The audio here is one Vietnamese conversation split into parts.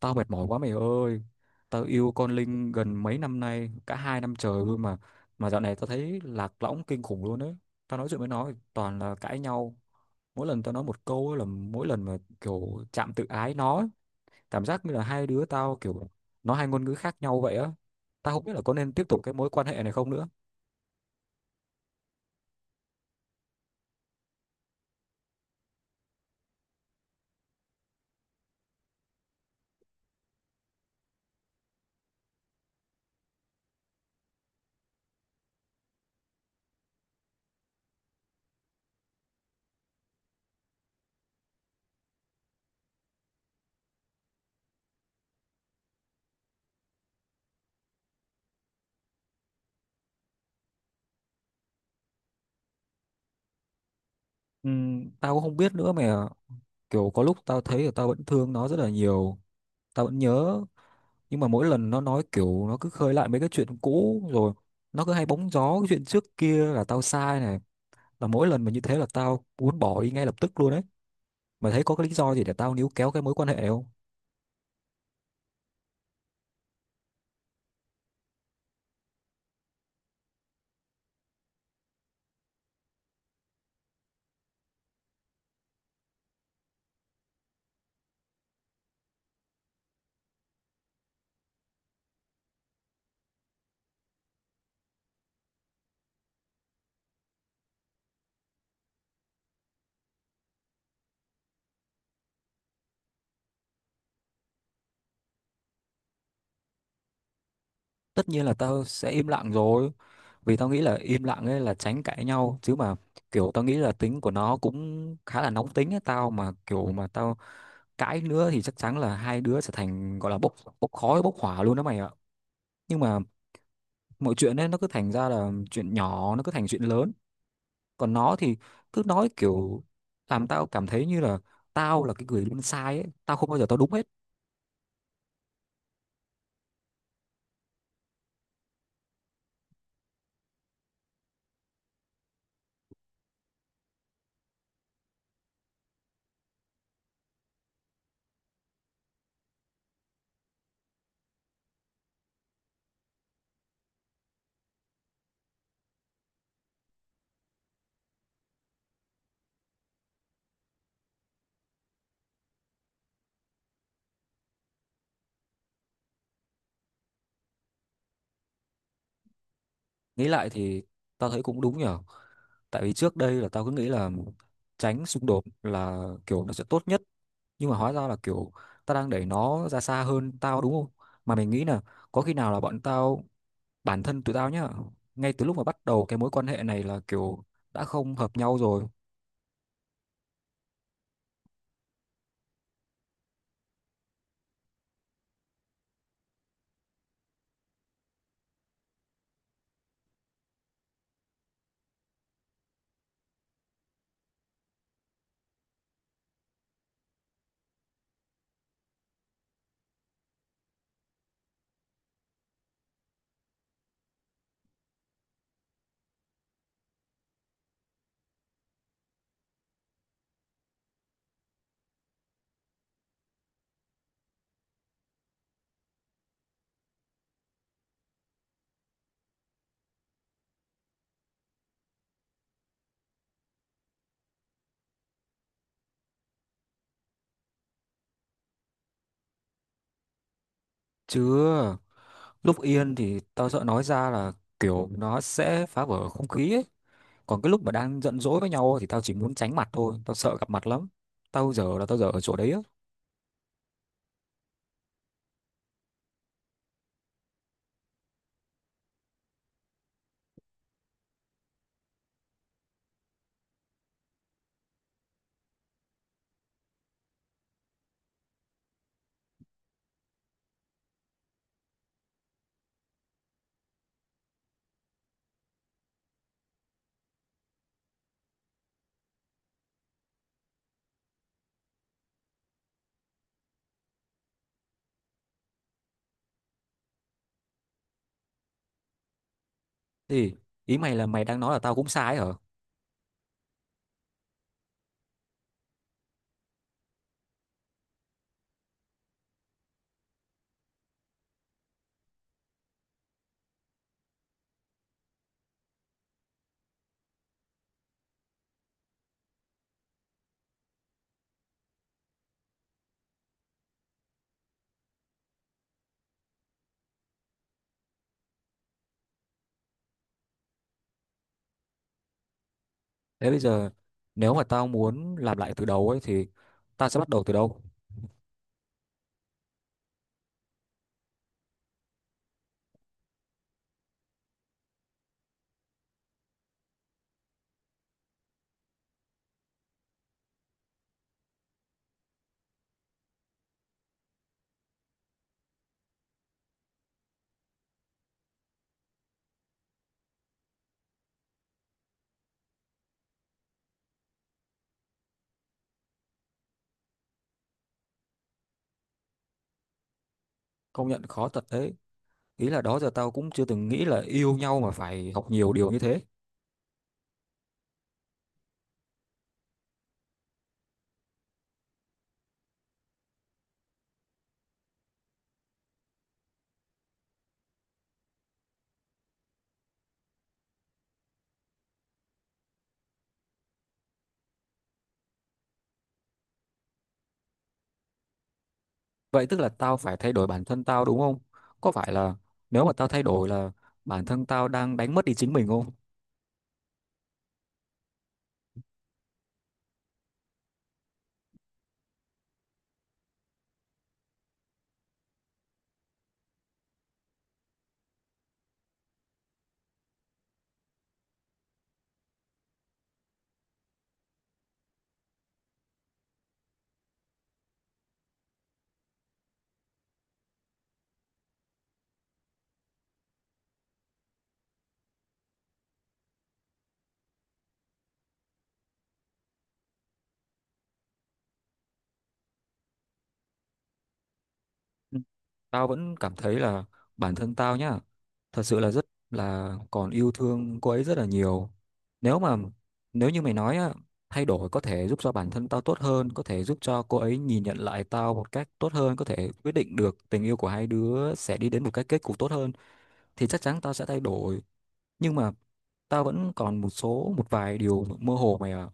Tao mệt mỏi quá mày ơi. Tao yêu con Linh gần mấy năm nay, cả hai năm trời luôn mà. Mà dạo này tao thấy lạc lõng kinh khủng luôn ấy. Tao nói chuyện với nó thì toàn là cãi nhau. Mỗi lần tao nói một câu ấy là mỗi lần mà kiểu chạm tự ái nó ấy. Cảm giác như là hai đứa tao kiểu nó hai ngôn ngữ khác nhau vậy á. Tao không biết là có nên tiếp tục cái mối quan hệ này không nữa. Tao cũng không biết nữa mày ạ. Kiểu có lúc tao thấy là tao vẫn thương nó rất là nhiều. Tao vẫn nhớ, nhưng mà mỗi lần nó nói kiểu nó cứ khơi lại mấy cái chuyện cũ, rồi nó cứ hay bóng gió cái chuyện trước kia là tao sai này, là mỗi lần mà như thế là tao muốn bỏ đi ngay lập tức luôn đấy, mà thấy có cái lý do gì để tao níu kéo cái mối quan hệ không. Tất nhiên là tao sẽ im lặng rồi, vì tao nghĩ là im lặng ấy là tránh cãi nhau. Chứ mà kiểu tao nghĩ là tính của nó cũng khá là nóng tính ấy, tao mà kiểu mà tao cãi nữa thì chắc chắn là hai đứa sẽ thành gọi là bốc bốc khói bốc hỏa luôn đó mày ạ. Nhưng mà mọi chuyện ấy nó cứ thành ra là chuyện nhỏ nó cứ thành chuyện lớn. Còn nó thì cứ nói kiểu làm tao cảm thấy như là tao là cái người luôn sai ấy, tao không bao giờ tao đúng hết. Nghĩ lại thì tao thấy cũng đúng nhở. Tại vì trước đây là tao cứ nghĩ là tránh xung đột là kiểu nó sẽ tốt nhất, nhưng mà hóa ra là kiểu tao đang đẩy nó ra xa hơn, tao đúng không? Mà mình nghĩ là có khi nào là bọn tao, bản thân tụi tao nhá, ngay từ lúc mà bắt đầu cái mối quan hệ này là kiểu đã không hợp nhau rồi. Chứ lúc yên thì tao sợ nói ra là kiểu nó sẽ phá vỡ không khí ấy, còn cái lúc mà đang giận dỗi với nhau thì tao chỉ muốn tránh mặt thôi, tao sợ gặp mặt lắm. Tao giờ ở chỗ đấy á. Thì ý mày là mày đang nói là tao cũng sai hả? Thế bây giờ nếu mà tao muốn làm lại từ đầu ấy thì tao sẽ bắt đầu từ đâu? Công nhận khó thật đấy. Ý là đó giờ tao cũng chưa từng nghĩ là yêu nhau mà phải học nhiều điều như thế. Vậy tức là tao phải thay đổi bản thân tao đúng không? Có phải là nếu mà tao thay đổi là bản thân tao đang đánh mất đi chính mình không? Ừ. Tao vẫn cảm thấy là bản thân tao nhá, thật sự là rất là còn yêu thương cô ấy rất là nhiều. Nếu mà nếu như mày nói á, thay đổi có thể giúp cho bản thân tao tốt hơn, có thể giúp cho cô ấy nhìn nhận lại tao một cách tốt hơn, có thể quyết định được tình yêu của hai đứa sẽ đi đến một cái kết cục tốt hơn, thì chắc chắn tao sẽ thay đổi. Nhưng mà tao vẫn còn một vài điều mơ hồ mày ạ.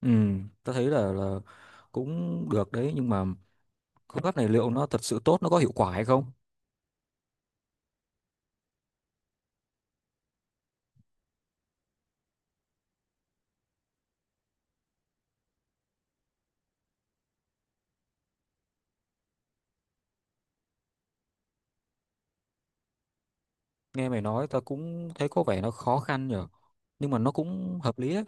Ừ, tao thấy là cũng được đấy, nhưng mà phương pháp này liệu nó thật sự tốt, nó có hiệu quả hay không? Nghe mày nói tao cũng thấy có vẻ nó khó khăn nhở, nhưng mà nó cũng hợp lý đấy.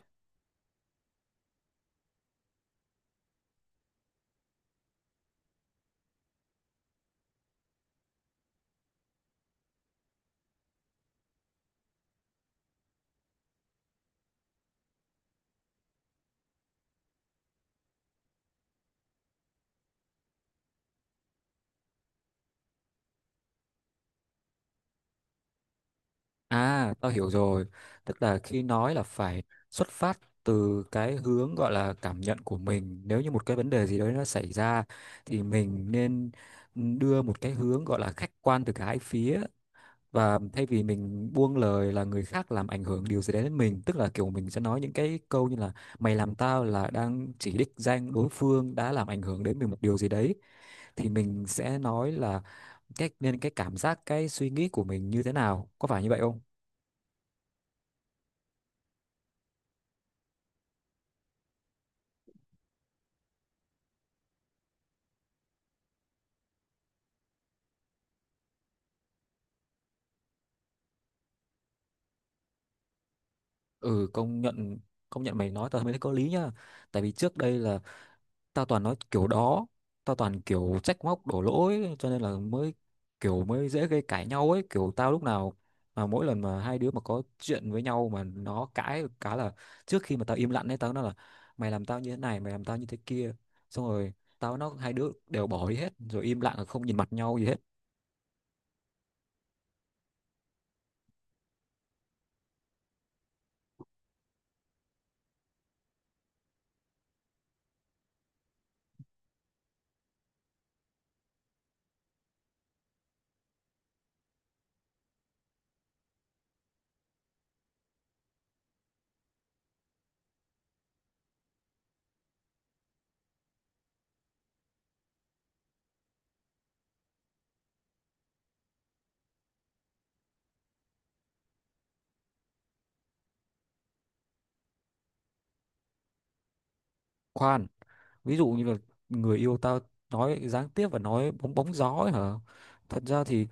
À, tao hiểu rồi. Tức là khi nói là phải xuất phát từ cái hướng gọi là cảm nhận của mình. Nếu như một cái vấn đề gì đấy nó xảy ra thì mình nên đưa một cái hướng gọi là khách quan từ cả hai phía, và thay vì mình buông lời là người khác làm ảnh hưởng điều gì đấy đến mình, tức là kiểu mình sẽ nói những cái câu như là mày làm tao, là đang chỉ đích danh đối phương đã làm ảnh hưởng đến mình một điều gì đấy, thì mình sẽ nói là cái nên cái cảm giác, cái suy nghĩ của mình như thế nào, có phải như vậy không? Ừ, công nhận, công nhận mày nói tao mới thấy có lý nhá. Tại vì trước đây là tao toàn nói kiểu đó, tao toàn kiểu trách móc đổ lỗi, cho nên là mới dễ gây cãi nhau ấy. Kiểu tao lúc nào mà mỗi lần mà hai đứa mà có chuyện với nhau mà nó cãi cá là trước khi mà tao im lặng ấy, tao nói là mày làm tao như thế này, mày làm tao như thế kia, xong rồi tao nó hai đứa đều bỏ đi hết, rồi im lặng là không nhìn mặt nhau gì hết. Khoan, ví dụ như là người yêu tao nói gián tiếp và nói bóng bóng gió ấy hả? Thật ra thì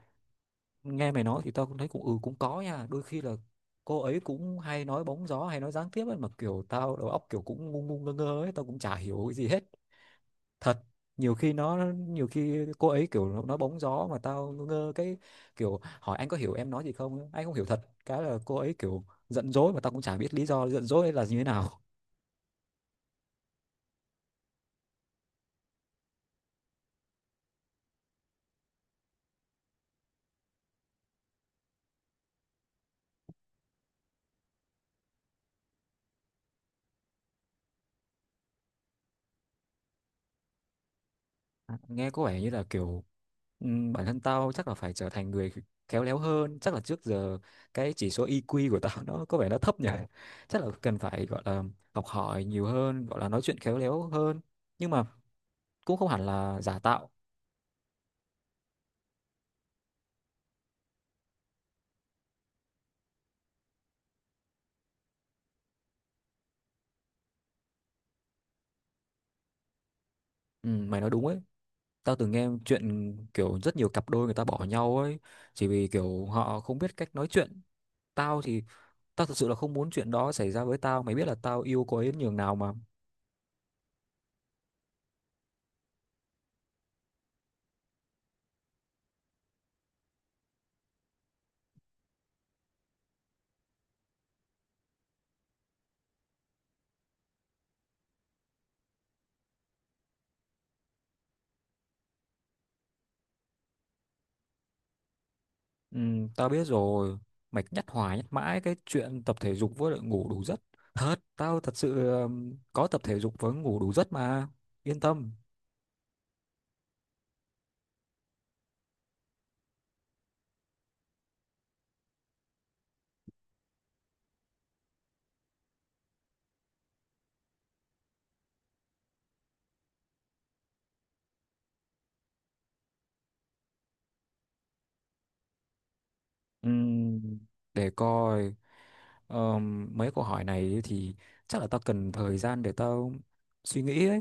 nghe mày nói thì tao cũng thấy cũng cũng có nha. Đôi khi là cô ấy cũng hay nói bóng gió hay nói gián tiếp ấy, mà kiểu tao đầu óc kiểu cũng ngu ngu ngơ ngơ ấy, tao cũng chả hiểu cái gì hết. Thật, nhiều khi cô ấy kiểu nói bóng gió mà tao ngơ ngơ, cái kiểu hỏi "anh có hiểu em nói gì không ấy?" Anh không hiểu thật. Cái là cô ấy kiểu giận dỗi mà tao cũng chả biết lý do giận dỗi là như thế nào. À, nghe có vẻ như là kiểu Ừ, bản thân tao chắc là phải trở thành người khéo léo hơn. Chắc là trước giờ cái chỉ số EQ của tao nó có vẻ nó thấp nhỉ. Chắc là cần phải gọi là học hỏi nhiều hơn, gọi là nói chuyện khéo léo hơn, nhưng mà cũng không hẳn là giả tạo. Ừ, mày nói đúng ấy. Tao từng nghe chuyện kiểu rất nhiều cặp đôi người ta bỏ nhau ấy, chỉ vì kiểu họ không biết cách nói chuyện. Tao thì tao thật sự là không muốn chuyện đó xảy ra với tao, mày biết là tao yêu cô ấy đến nhường nào mà. Ừ, tao biết rồi. Mày nhắc hoài nhắc mãi cái chuyện tập thể dục với lại ngủ đủ giấc. Thật, tao thật sự có tập thể dục với ngủ đủ giấc mà. Yên tâm. Ừm, để coi, mấy câu hỏi này thì chắc là tao cần thời gian để tao suy nghĩ ấy.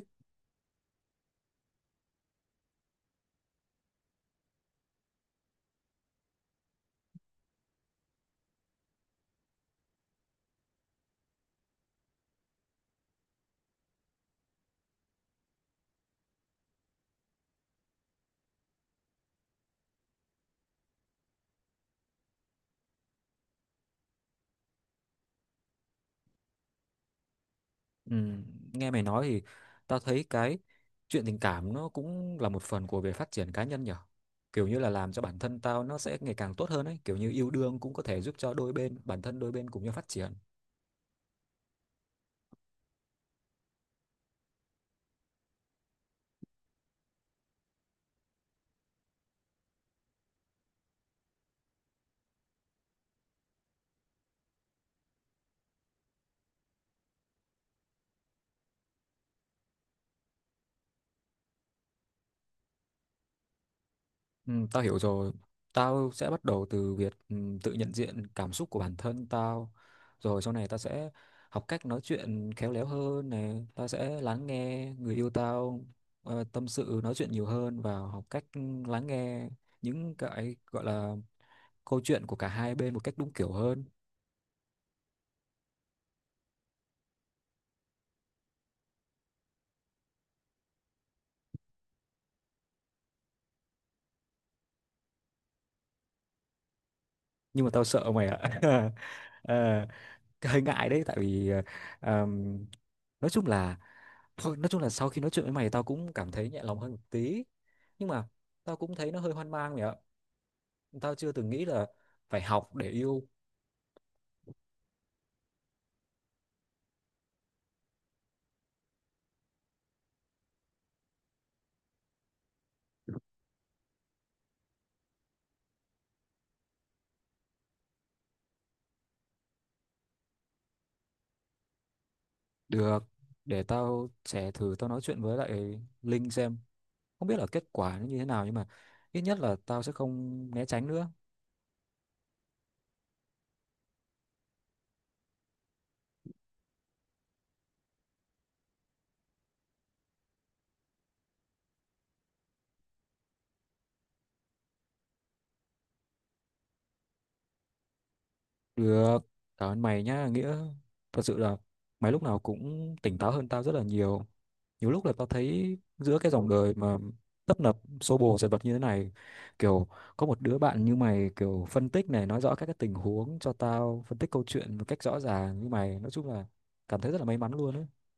Ừm, Nghe mày nói thì tao thấy cái chuyện tình cảm nó cũng là một phần của việc phát triển cá nhân nhở. Kiểu như là làm cho bản thân tao nó sẽ ngày càng tốt hơn ấy. Kiểu như yêu đương cũng có thể giúp cho đôi bên, bản thân đôi bên cùng nhau phát triển. Ừ, tao hiểu rồi. Tao sẽ bắt đầu từ việc tự nhận diện cảm xúc của bản thân tao. Rồi sau này tao sẽ học cách nói chuyện khéo léo hơn này. Tao sẽ lắng nghe người yêu tao tâm sự nói chuyện nhiều hơn, và học cách lắng nghe những cái gọi là câu chuyện của cả hai bên một cách đúng kiểu hơn. Nhưng mà tao sợ mày ạ. Ờ, hơi ngại đấy, tại vì ờm, nói chung là, thôi nói chung là sau khi nói chuyện với mày tao cũng cảm thấy nhẹ lòng hơn một tí, nhưng mà tao cũng thấy nó hơi hoang mang mày ạ. Tao chưa từng nghĩ là phải học để yêu. Được, để tao sẽ thử tao nói chuyện với lại Linh xem, không biết là kết quả nó như thế nào, nhưng mà ít nhất là tao sẽ không né tránh nữa. Được, cảm ơn mày nhá Nghĩa. Thật sự là mày lúc nào cũng tỉnh táo hơn tao rất là nhiều. Nhiều lúc là tao thấy giữa cái dòng đời mà tấp nập xô bồ dần vật như thế này, kiểu có một đứa bạn như mày kiểu phân tích này, nói rõ các cái tình huống cho tao, phân tích câu chuyện một cách rõ ràng như mày, nói chung là cảm thấy rất là may mắn luôn đấy.